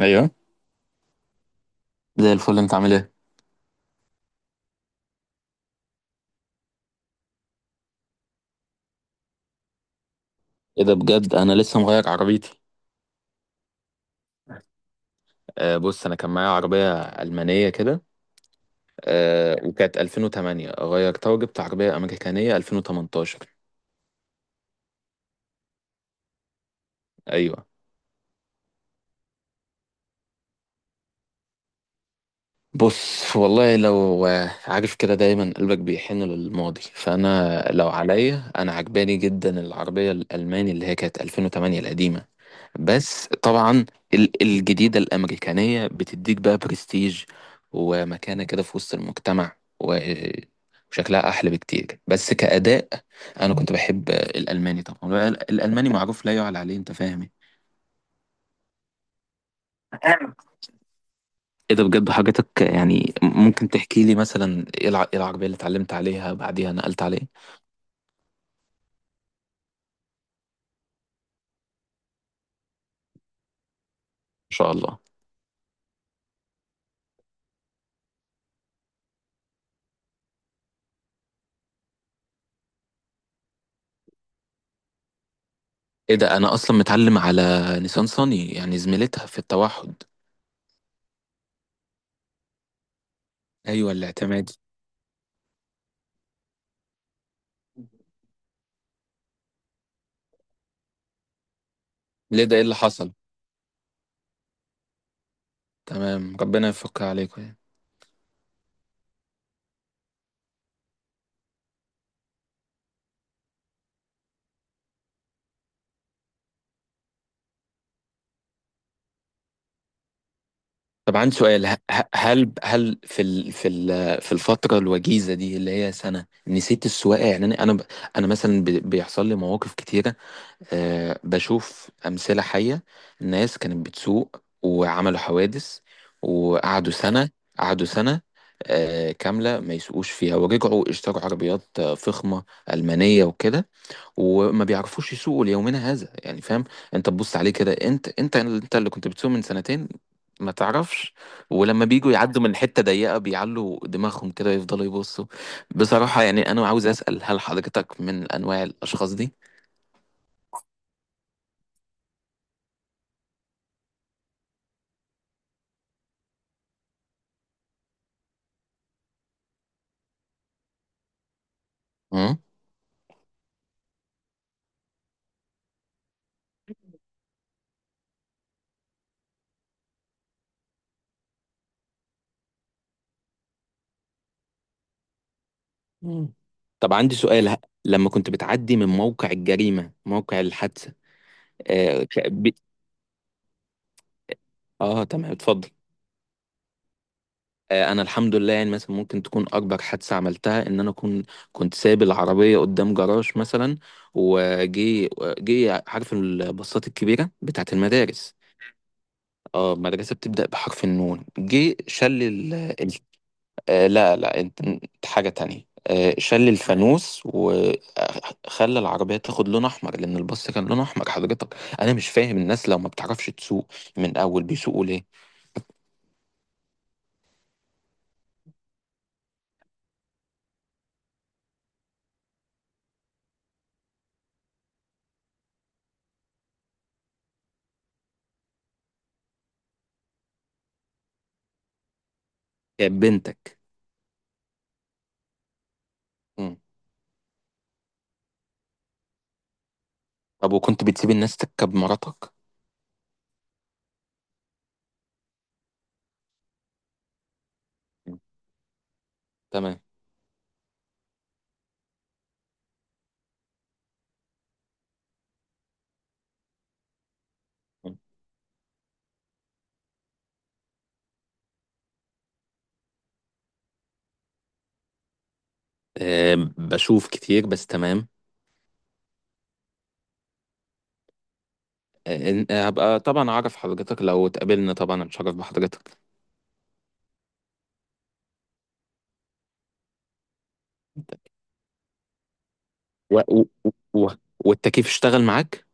ايوه. زي الفل، انت عامل ايه؟ ايه ده بجد؟ انا لسه مغير عربيتي. آه، بص انا كان معايا عربيه المانيه كده. آه، وكانت 2008 غيرتها، وجبت عربيه امريكانيه 2018. ايوه. بص والله، لو عارف كده دايما قلبك بيحن للماضي، فانا لو عليا انا عجباني جدا العربيه الالماني اللي هي كانت 2008 القديمه. بس طبعا الجديدة الأمريكانية بتديك بقى برستيج ومكانة كده في وسط المجتمع، وشكلها أحلى بكتير، بس كأداء أنا كنت بحب الألماني طبعا، وال- الألماني معروف لا يعلى عليه، أنت فاهم يعني. إيه ده بجد؟ حاجتك يعني ممكن تحكي لي مثلا إيه إيه العربية اللي اتعلمت عليها بعديها نقلت عليه؟ إن شاء الله. إيه ده؟ أنا أصلا متعلم على نيسان صني، يعني زميلتها في التوحد. أيوة الاعتمادي. ليه ده؟ إيه اللي حصل؟ تمام، ربنا يفك عليكم يعني. طب عندي سؤال. هل في الفترة الوجيزة دي اللي هي سنة نسيت السواقة، يعني أنا مثلا بيحصل لي مواقف كتيرة. أه، بشوف أمثلة حية. الناس كانت بتسوق وعملوا حوادث وقعدوا سنة قعدوا سنة أه كاملة ما يسوقوش فيها، ورجعوا اشتروا عربيات فخمة ألمانية وكده، وما بيعرفوش يسوقوا ليومنا هذا، يعني فاهم؟ انت تبص عليه كده، انت اللي كنت بتسوق من سنتين ما تعرفش. ولما بيجوا يعدوا من حتة ضيقة بيعلوا دماغهم كده، يفضلوا يبصوا. بصراحة يعني انا عاوز اسأل، هل حضرتك من انواع الاشخاص دي؟ مم؟ مم. طب عندي سؤال. لما كنت بتعدي من موقع الجريمة، موقع الحادثة. اه. آه تمام، اتفضل. انا الحمد لله، يعني مثلا ممكن تكون اكبر حادثه عملتها ان انا كنت سايب العربيه قدام جراج مثلا، وجي عارف الباصات الكبيره بتاعه المدارس. اه، المدرسه بتبدا بحرف النون، جه شل. آه، لا لا، أنت حاجه تانية. شل الفانوس وخلى العربيه تاخد لون احمر، لان الباص كان لون احمر حضرتك. انا مش فاهم، الناس لو ما بتعرفش تسوق من اول بيسوقوا ليه؟ يا بنتك. مم. طب وكنت بتسيب الناس تركب مراتك. تمام. أه بشوف كتير، بس تمام. أه. هبقى طبعا اعرف حضرتك، لو اتقابلنا طبعا اتشرف بحضرتك. و... و... و... والتكييف اشتغل معاك؟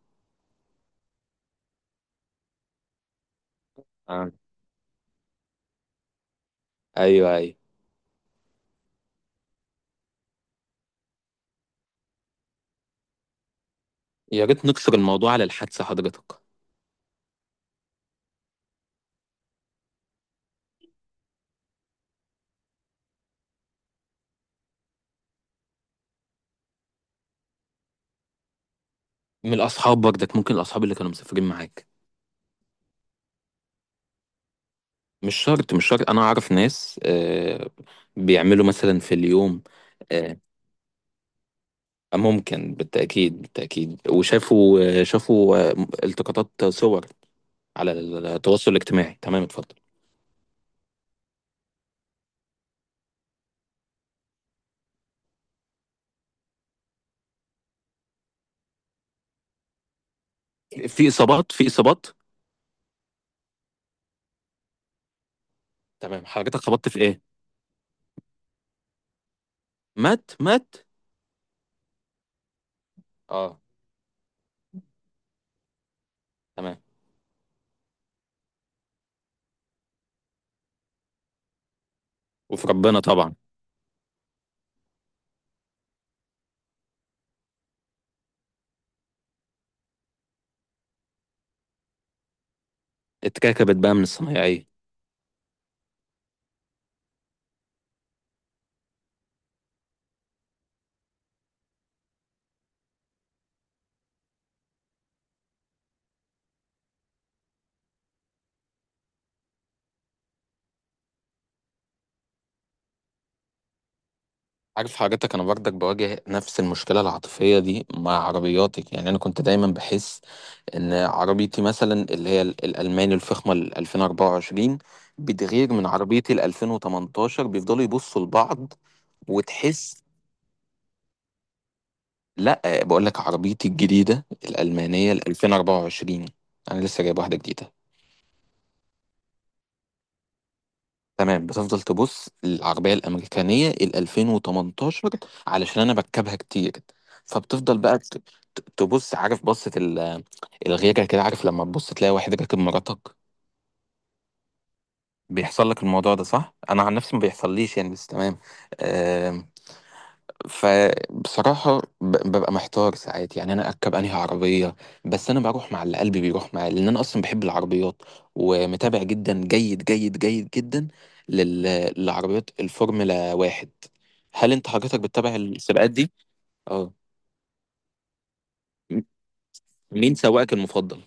آه. ايوه، ايوه. يا ريت نكسر الموضوع على الحادثه حضرتك. من الاصحاب برضك، ممكن الاصحاب اللي كانوا مسافرين معاك. مش شرط مش شرط، انا اعرف ناس أه بيعملوا مثلا في اليوم. أه. ممكن بالتاكيد بالتاكيد. وشافوا آه، شافوا آه، التقاطات صور على التواصل الاجتماعي. تمام، اتفضل. في اصابات؟ في اصابات؟ تمام، حضرتك خبطت في ايه؟ مات؟ مات؟ اه. تمام. وفي ربنا طبعا. اتكعكبت بقى من الصنايعيه. عارف حضرتك، انا برضك بواجه نفس المشكله العاطفيه دي مع عربياتك، يعني انا كنت دايما بحس ان عربيتي مثلا اللي هي الالماني الفخمه ال 2024 بتغير من عربيتي ال 2018، بيفضلوا يبصوا لبعض وتحس. لا، بقول لك عربيتي الجديده الالمانيه ال 2024، انا لسه جايب واحده جديده. تمام، بتفضل تبص للعربية الأمريكانية ال 2018 علشان أنا بركبها كتير، فبتفضل بقى تبص عارف، بصة الغيرة كده، عارف لما تبص تلاقي واحد راكب مراتك، بيحصل لك الموضوع ده، صح؟ أنا عن نفسي ما بيحصليش يعني، بس تمام. آمم. فبصراحة ببقى محتار ساعات، يعني أنا أركب أنهي عربية؟ بس أنا بروح مع اللي قلبي بيروح معاه، لأن أنا أصلا بحب العربيات، ومتابع جدا جيد جيد جيد جدا لل... للعربيات الفورمولا واحد. هل أنت حضرتك بتتابع السباقات دي؟ أه. م- مين سواقك المفضل؟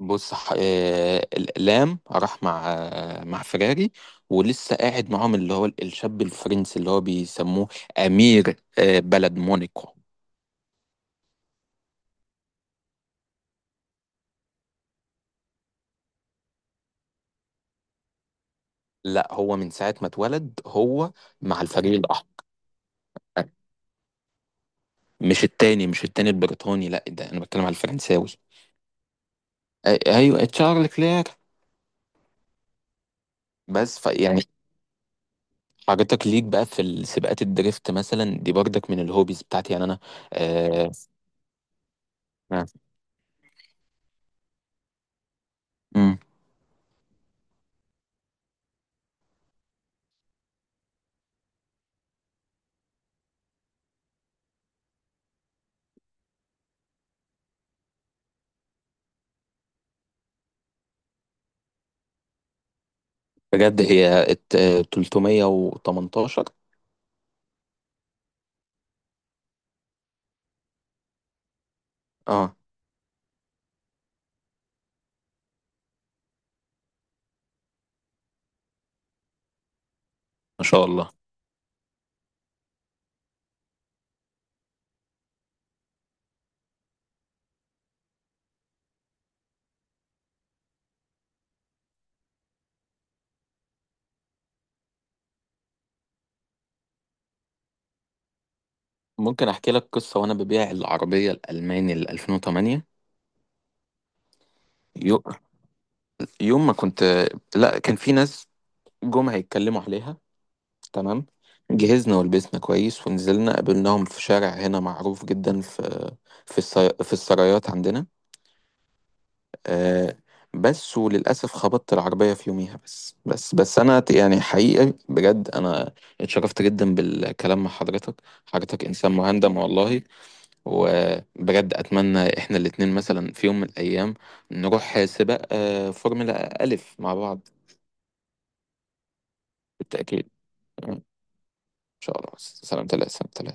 بص. لام راح مع مع فيراري، ولسه قاعد معاهم اللي هو الشاب الفرنسي اللي هو بيسموه أمير، بلد مونيكو. لا، هو من ساعة ما اتولد هو مع الفريق الأحمر. مش التاني، مش التاني البريطاني، لا ده أنا بتكلم على الفرنساوي. أيوه تشارل كلير. بس ف يعني. حضرتك ليك بقى في السباقات الدريفت مثلا دي، برضك من الهوبيز بتاعتي يعني أنا. آه آه، مم. بجد هي 318. اه ما شاء الله. ممكن أحكي لك قصة وأنا ببيع العربية الألماني ال 2008. يو- يوم ما كنت، لا كان في ناس جم هيتكلموا عليها. تمام. جهزنا ولبسنا كويس ونزلنا قابلناهم في شارع هنا معروف جدا في في السرايات عندنا. آه. بس وللأسف خبطت العربية في يوميها. بس بس بس أنا يعني حقيقي بجد أنا اتشرفت جدا بالكلام مع حضرتك. حضرتك إنسان مهندم والله. وبجد أتمنى إحنا الاتنين مثلا في يوم من الأيام نروح سباق فورمولا ألف مع بعض. بالتأكيد. إن شاء الله. سلام تلاتة، سلام تلاتة.